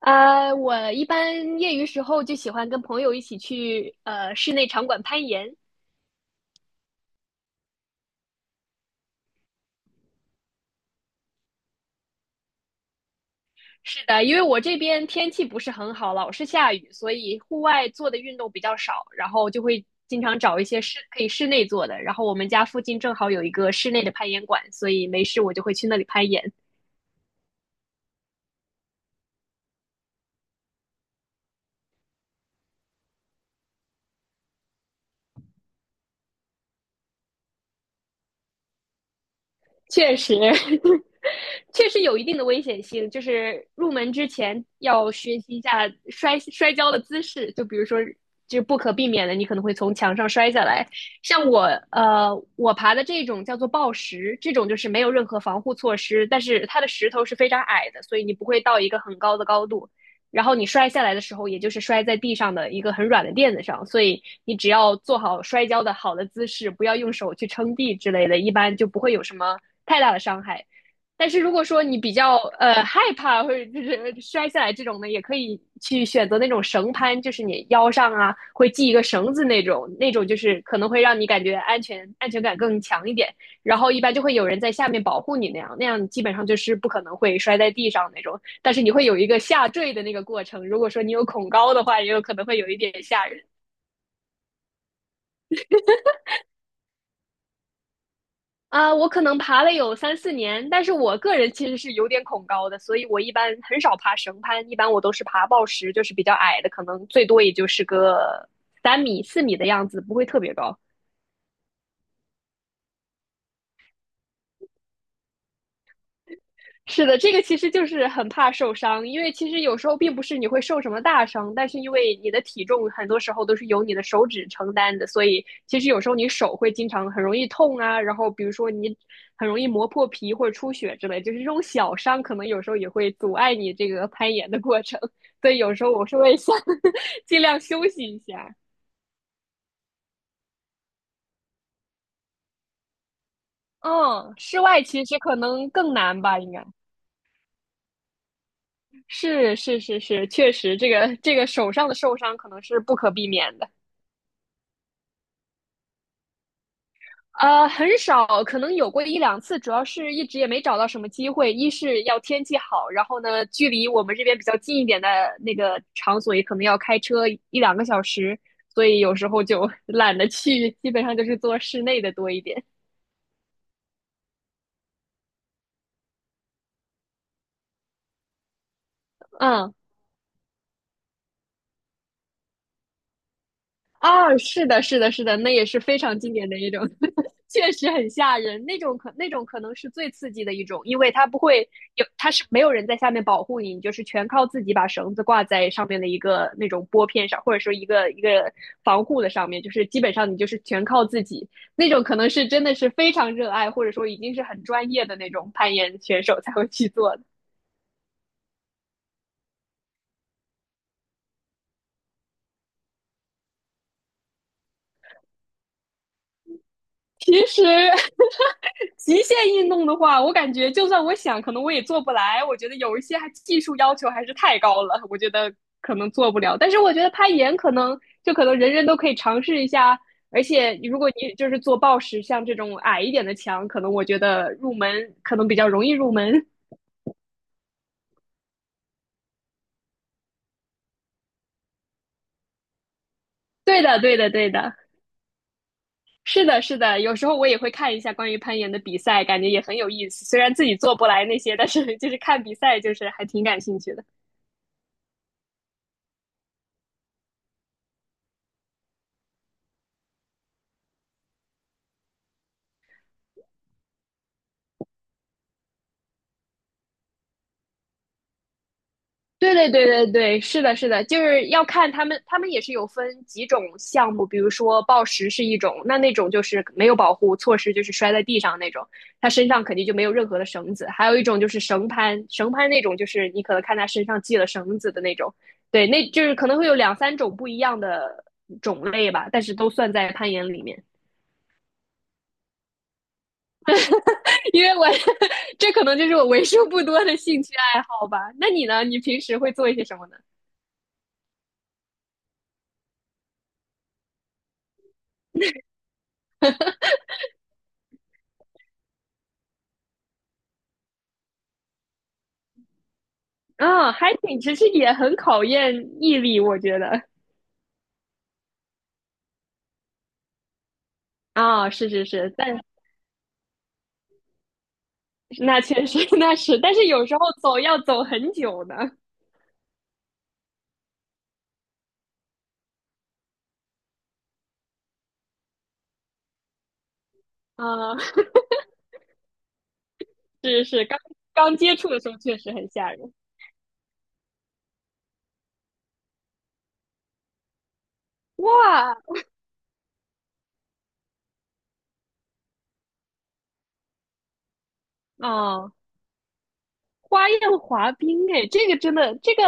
我一般业余时候就喜欢跟朋友一起去室内场馆攀岩。是的，因为我这边天气不是很好，老是下雨，所以户外做的运动比较少，然后就会经常找一些可以室内做的。然后我们家附近正好有一个室内的攀岩馆，所以没事我就会去那里攀岩。确实，确实有一定的危险性。就是入门之前要学习一下摔跤的姿势，就比如说，就不可避免的，你可能会从墙上摔下来。像我，我爬的这种叫做抱石，这种就是没有任何防护措施，但是它的石头是非常矮的，所以你不会到一个很高的高度。然后你摔下来的时候，也就是摔在地上的一个很软的垫子上，所以你只要做好摔跤的好的姿势，不要用手去撑地之类的，一般就不会有什么太大的伤害。但是如果说你比较害怕或者就是摔下来这种呢，也可以去选择那种绳攀，就是你腰上啊会系一个绳子那种，那种就是可能会让你感觉安全感更强一点。然后一般就会有人在下面保护你那样，那样基本上就是不可能会摔在地上那种。但是你会有一个下坠的那个过程，如果说你有恐高的话，也有可能会有一点吓人。啊，我可能爬了有3 4 年，但是我个人其实是有点恐高的，所以我一般很少爬绳攀，一般我都是爬抱石，就是比较矮的，可能最多也就是个3 米、4 米的样子，不会特别高。是的，这个其实就是很怕受伤，因为其实有时候并不是你会受什么大伤，但是因为你的体重很多时候都是由你的手指承担的，所以其实有时候你手会经常很容易痛啊，然后比如说你很容易磨破皮或者出血之类，就是这种小伤可能有时候也会阻碍你这个攀岩的过程，所以有时候我是会想 尽量休息一下。嗯，室外其实可能更难吧，应该是，确实这个手上的受伤可能是不可避免的。呃，很少，可能有过1 2 次，主要是一直也没找到什么机会。一是要天气好，然后呢，距离我们这边比较近一点的那个场所，也可能要开车1 2 个小时，所以有时候就 懒得去，基本上就是做室内的多一点。嗯，啊，是的，是的，是的，那也是非常经典的一种，确实很吓人。那种可能是最刺激的一种，因为它不会有，它是没有人在下面保护你，你就是全靠自己把绳子挂在上面的一个那种拨片上，或者说一个防护的上面，就是基本上你就是全靠自己。那种可能是真的是非常热爱，或者说已经是很专业的那种攀岩选手才会去做的。其实极限运动的话，我感觉就算我想，可能我也做不来。我觉得有一些还技术要求还是太高了，我觉得可能做不了。但是我觉得攀岩就可能人人都可以尝试一下，而且如果你就是做抱石，像这种矮一点的墙，可能我觉得入门可能比较容易入门。对的，对的，对的，是的，是的。有时候我也会看一下关于攀岩的比赛，感觉也很有意思。虽然自己做不来那些，但是就是看比赛，就是还挺感兴趣的。对对对对对，是的，是的，就是要看他们，他们也是有分几种项目，比如说暴食是一种，那种就是没有保护措施，就是摔在地上那种，他身上肯定就没有任何的绳子；还有一种就是绳攀，绳攀那种就是你可能看他身上系了绳子的那种，对，那就是可能会有2 3 种不一样的种类吧，但是都算在攀岩里面。因为我 这可能就是我为数不多的兴趣爱好吧。那你呢？你平时会做一些什么呢？啊 hiking 其实也很考验毅力，我觉得。啊，是是是，但那确实 那是，但是有时候走要走很久呢。啊，是是，刚接触的时候确实很吓人。哇，啊，花样滑冰，哎，这个真的，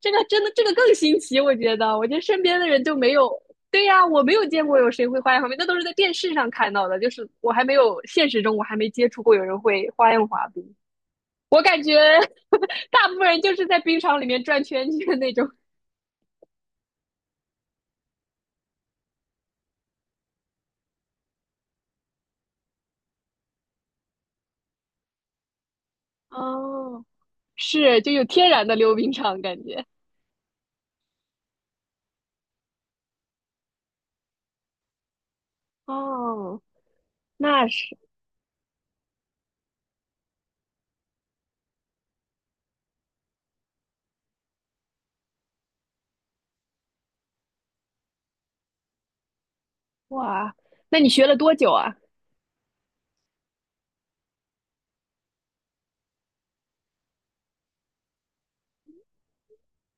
这个真的，这个更新奇，我觉得，我觉得身边的人就没有。对呀，我没有见过有谁会花样滑冰，那都是在电视上看到的，就是我还没有现实中我还没接触过有人会花样滑冰。我感觉 大部分人就是在冰场里面转圈圈那种，哦是就有天然的溜冰场感觉。哦，那是哇，那你学了多久啊？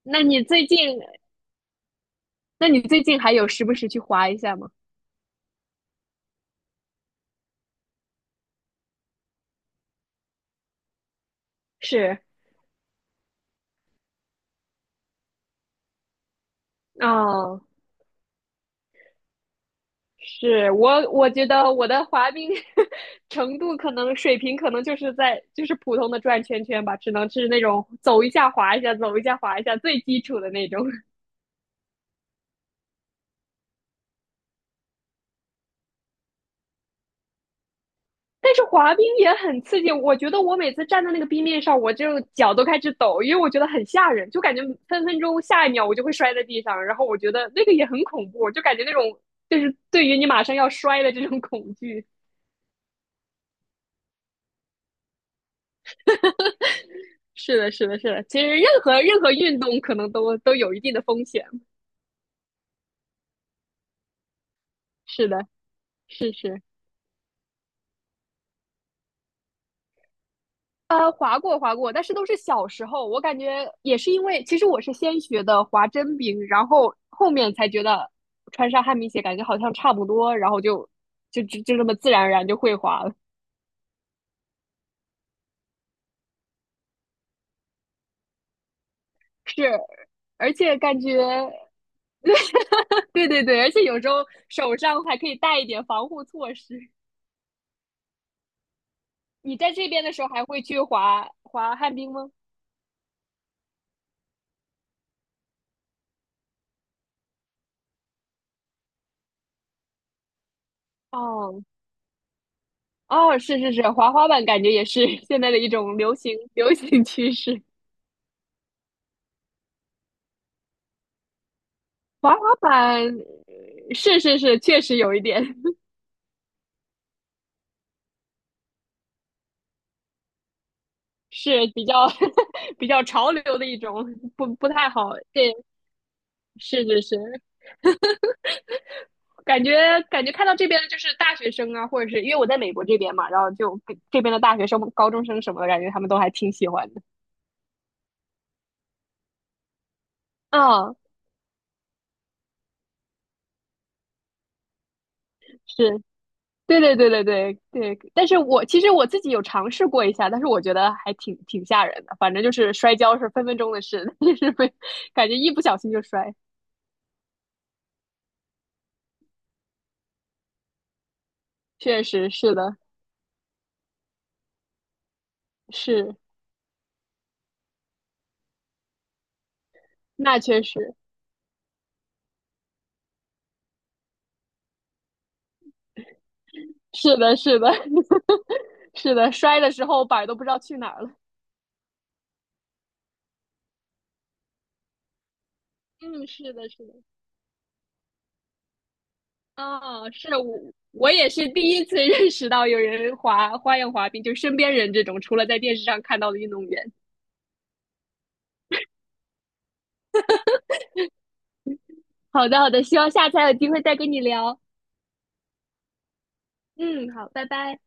那你最近，那你最近还有时不时去滑一下吗？是哦，是我觉得我的滑冰 程度水平可能就是就是普通的转圈圈吧，只能是那种走一下滑一下，走一下滑一下最基础的那种。但是滑冰也很刺激，我觉得我每次站在那个冰面上，我就脚都开始抖，因为我觉得很吓人，就感觉分分钟下一秒我就会摔在地上，然后我觉得那个也很恐怖，就感觉那种就是对于你马上要摔的这种恐惧。是的，是的，是的，其实任何运动可能都有一定的风险。是的，是是。呃，滑过滑过，但是都是小时候。我感觉也是因为，其实我是先学的滑真冰，然后后面才觉得穿上旱冰鞋感觉好像差不多，然后就这么自然而然就会滑了。是，而且感觉，对对对，而且有时候手上还可以带一点防护措施。你在这边的时候还会去滑滑旱冰吗？哦哦，是是是，滑滑板感觉也是 现在的一种流行趋势。滑滑板是是是，确实有一点 是比较 比较潮流的一种，不不太好。对，是是是，感觉看到这边的就是大学生啊，或者是因为我在美国这边嘛，然后就跟这边的大学生、高中生什么的，感觉他们都还挺喜欢的。啊，是，对。但是我其实我自己有尝试过一下，但是我觉得还挺吓人的。反正就是摔跤是分分钟的事，就是会感觉一不小心就摔。确实是的，是。那确实是的，是的，是的，摔的时候板儿都不知道去哪儿了。嗯，是的，是的，啊，是我我也是第一次 认识到有人滑花样滑冰，就身边人这种，除了在电视上看到的运动员。好的，好的，希望下次还有机会再跟你聊。嗯，好，拜拜。